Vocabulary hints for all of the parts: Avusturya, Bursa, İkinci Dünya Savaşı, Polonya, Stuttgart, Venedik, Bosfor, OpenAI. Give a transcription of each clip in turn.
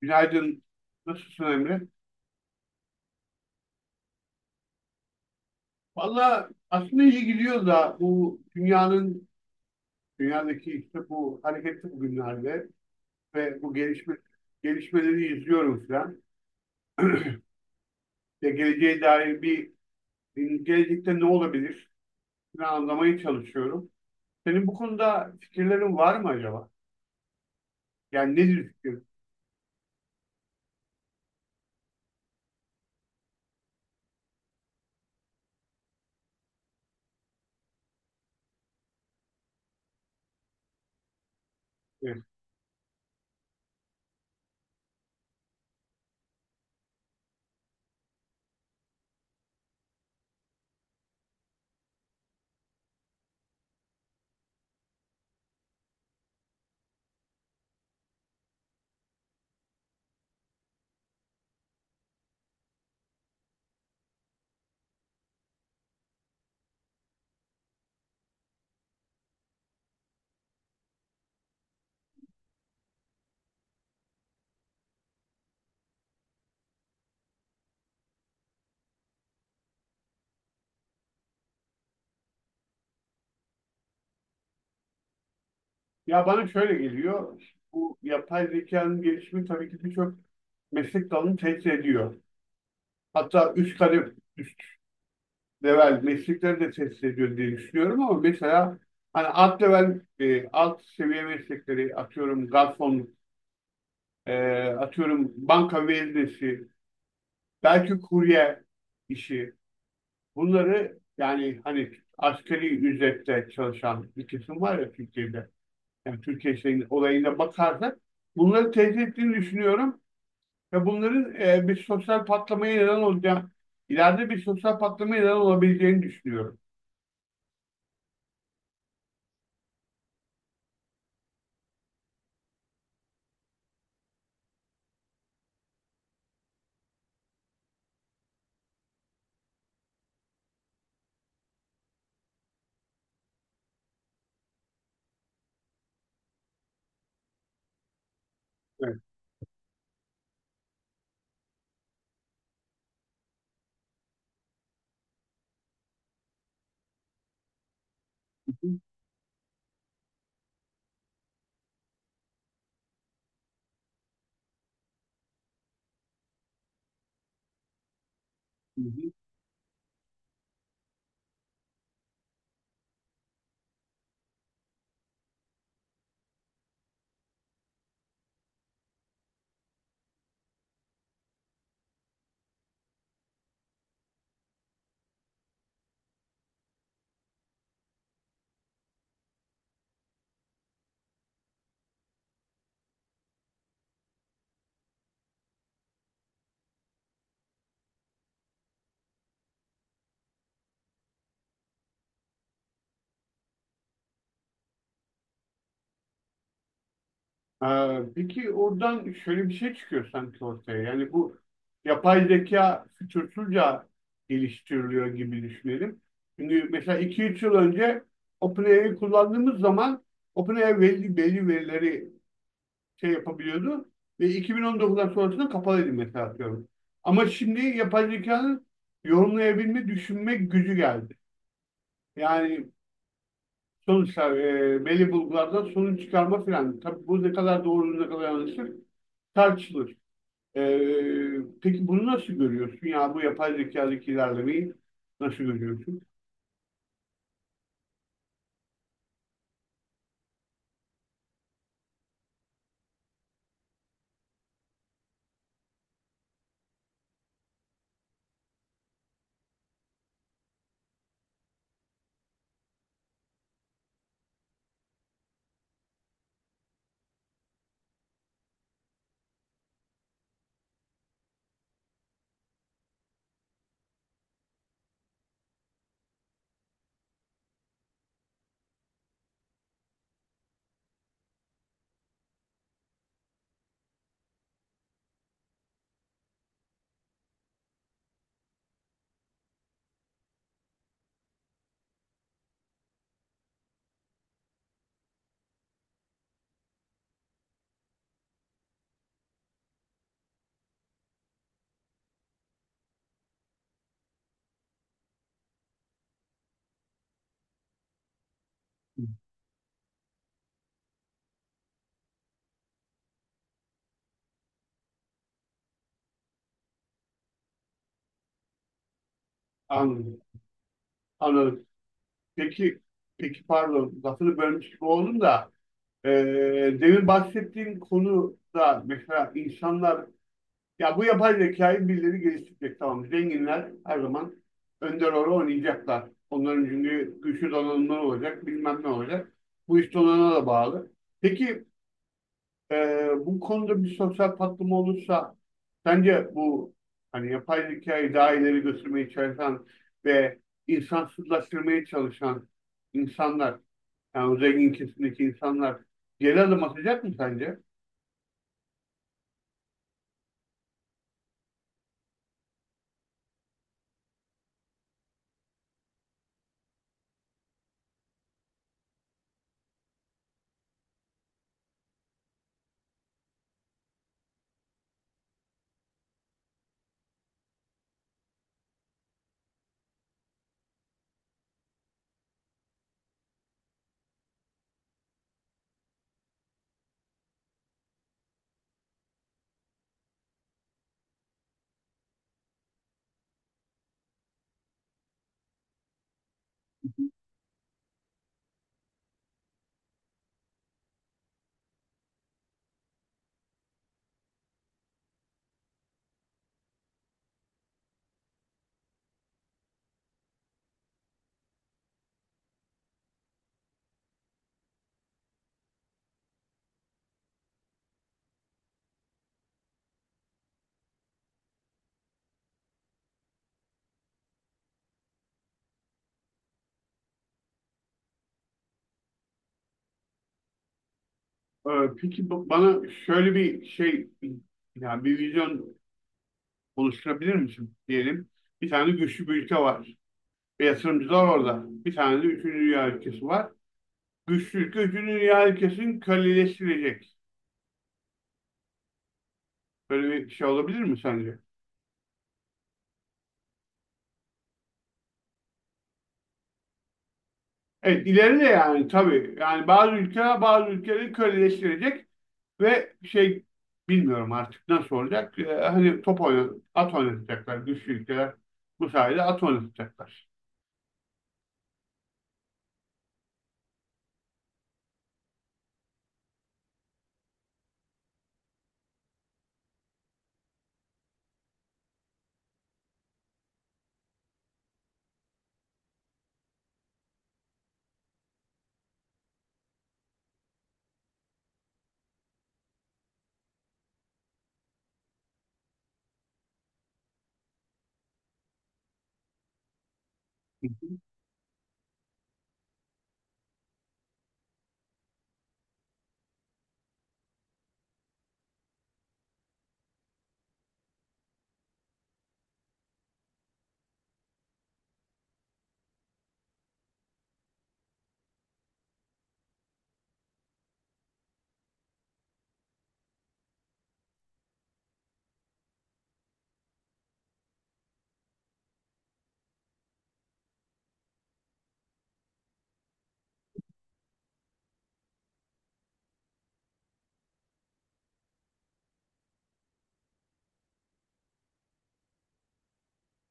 Günaydın. Nasılsın Emre? Valla aslında iyi gidiyor da dünyadaki işte bu hareketli bugünlerde ve gelişmeleri izliyorum falan. Ve gelecekte ne olabilir? Bunu anlamaya çalışıyorum. Senin bu konuda fikirlerin var mı acaba? Yani nedir fikir? Evet. Ya bana şöyle geliyor. Bu yapay zekanın gelişimi tabii ki birçok meslek dalını tehdit ediyor. Hatta üst kademe, level meslekleri de test ediyor diye düşünüyorum ama mesela hani alt level alt seviye meslekleri atıyorum garson, e, atıyorum banka veznesi, belki kurye işi, bunları yani hani asgari ücretle çalışan bir kesim var ya Türkiye'de. Yani Türkiye şeyin olayına bakarsak bunları teyit ettiğini düşünüyorum ve bunların e, bir sosyal patlamaya neden olacak ileride bir sosyal patlamaya neden olabileceğini düşünüyorum. Evet. Hı hı. Hı hı. Peki oradan şöyle bir şey çıkıyor sanki ortaya. Yani bu yapay zeka fütursuzca geliştiriliyor gibi düşünelim. Çünkü mesela iki üç yıl önce OpenAI'yi kullandığımız zaman OpenAI belli verileri şey yapabiliyordu ve 2019'dan sonrasında kapalıydı mesela atıyorum. Ama şimdi yapay zekanın yorumlayabilme, düşünme gücü geldi. Yani belli bulgulardan sonuç çıkarma filan. Tabii bu ne kadar doğru ne kadar yanlıştır tartışılır. E, peki bunu nasıl görüyorsun? Ya bu yapay zekadaki ilerlemeyi nasıl görüyorsun? Anladım. Anladım. Peki, peki pardon lafını bölmüş gibi oldum da, e, demin bahsettiğin konuda mesela insanlar, ya bu yapay zekayı birileri geliştirecek tamam. Zenginler her zaman önder rol oynayacaklar. Onların çünkü güçlü donanımları olacak, bilmem ne olacak. Bu iş donanıma da bağlı. Peki, bu konuda bir sosyal patlama olursa sence bu hani yapay zekayı daha ileri götürmeye çalışan ve insansızlaştırmaya çalışan insanlar, yani o zengin kesimdeki insanlar geri adım atacak mı sence? Ee, Peki bana şöyle bir şey, yani bir vizyon oluşturabilir misin diyelim. Bir tane güçlü bir ülke var. Ve yatırımcılar orada. Bir tane de üçüncü dünya ülkesi var. Güçlü ülke üçüncü dünya ülkesini köleleştirecek. Böyle bir şey olabilir mi sence? Evet ileri de yani tabii. Yani bazı ülkeler bazı ülkeleri köleleştirecek ve şey bilmiyorum artık nasıl olacak. Hani at oynatacaklar güçlü ülkeler. Bu sayede at oynatacaklar. Hı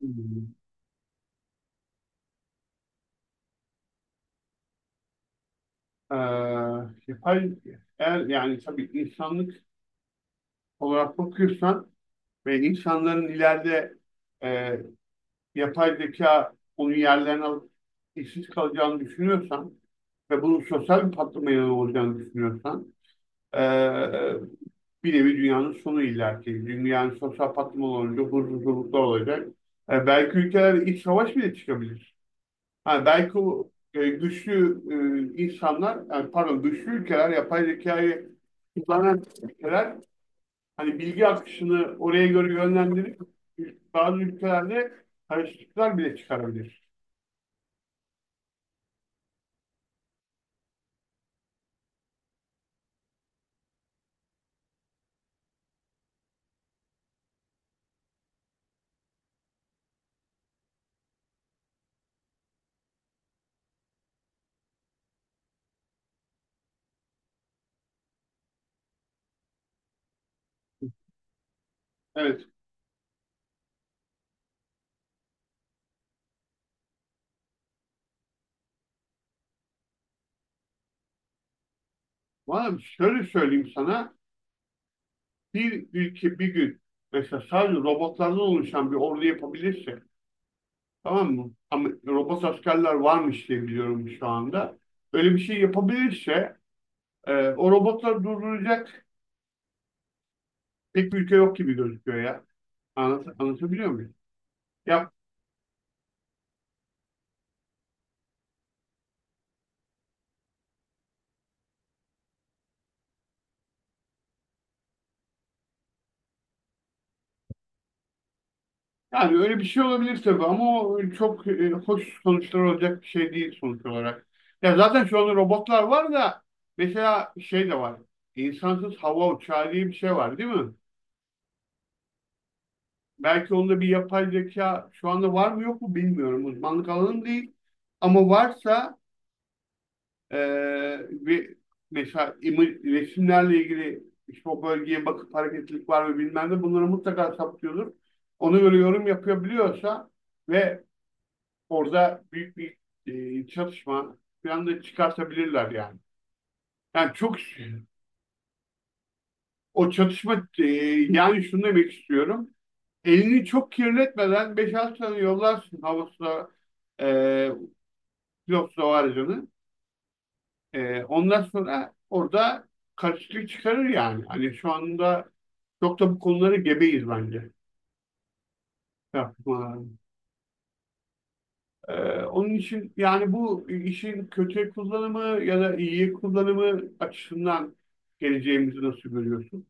hı. Ee, yapay, eğer yani tabii insanlık olarak bakıyorsan ve insanların ileride, e, yapay zeka onun yerlerini alıp işsiz kalacağını düşünüyorsan ve bunun sosyal bir patlamaya yol olacağını düşünüyorsan, e, bir nevi dünyanın sonu illaki. Dünyanın sosyal patlama olunca huzursuzluklar olacak. Belki ülkeler iç savaş bile çıkabilir. Ha, belki o güçlü e, insanlar, yani pardon güçlü ülkeler, yapay zekayı kullanan ülkeler, hani bilgi akışını oraya göre yönlendirip bazı ülkelerde karışıklıklar bile çıkarabilir. Evet. Valla şöyle söyleyeyim sana. Bir ülke bir gün mesela sadece robotlardan oluşan bir ordu yapabilirse, tamam mı? Ama robot askerler varmış diye biliyorum şu anda. Öyle bir şey yapabilirse, o robotları durduracak pek bir ülke yok gibi gözüküyor ya. Anlatabiliyor muyum? Ya, yani öyle bir şey olabilir tabii ama o, çok, hoş sonuçlar olacak bir şey değil sonuç olarak. Ya zaten şu anda robotlar var da mesela şey de var. İnsansız hava uçağı diye bir şey var değil mi? Belki onda bir yapay zeka şu anda var mı yok mu bilmiyorum. Uzmanlık alanım değil. Ama varsa, Ee, ve mesela resimlerle ilgili işte o bölgeye bakıp hareketlilik var mı bilmem ne, bunları mutlaka saptıyordur. Ona göre yorum yapabiliyorsa ve orada büyük bir çatışma falan da çıkartabilirler yani. Yani çok o çatışma, yani şunu demek istiyorum. Elini çok kirletmeden beş altı tane yollarsın havasına, e, pilotlu o aracını. Ondan sonra orada karşılık çıkarır yani. Hani şu anda çok da bu konuları gebeyiz bence. Yapmaların. Ee, onun için yani bu işin kötü kullanımı ya da iyi kullanımı açısından geleceğimizi nasıl görüyorsun?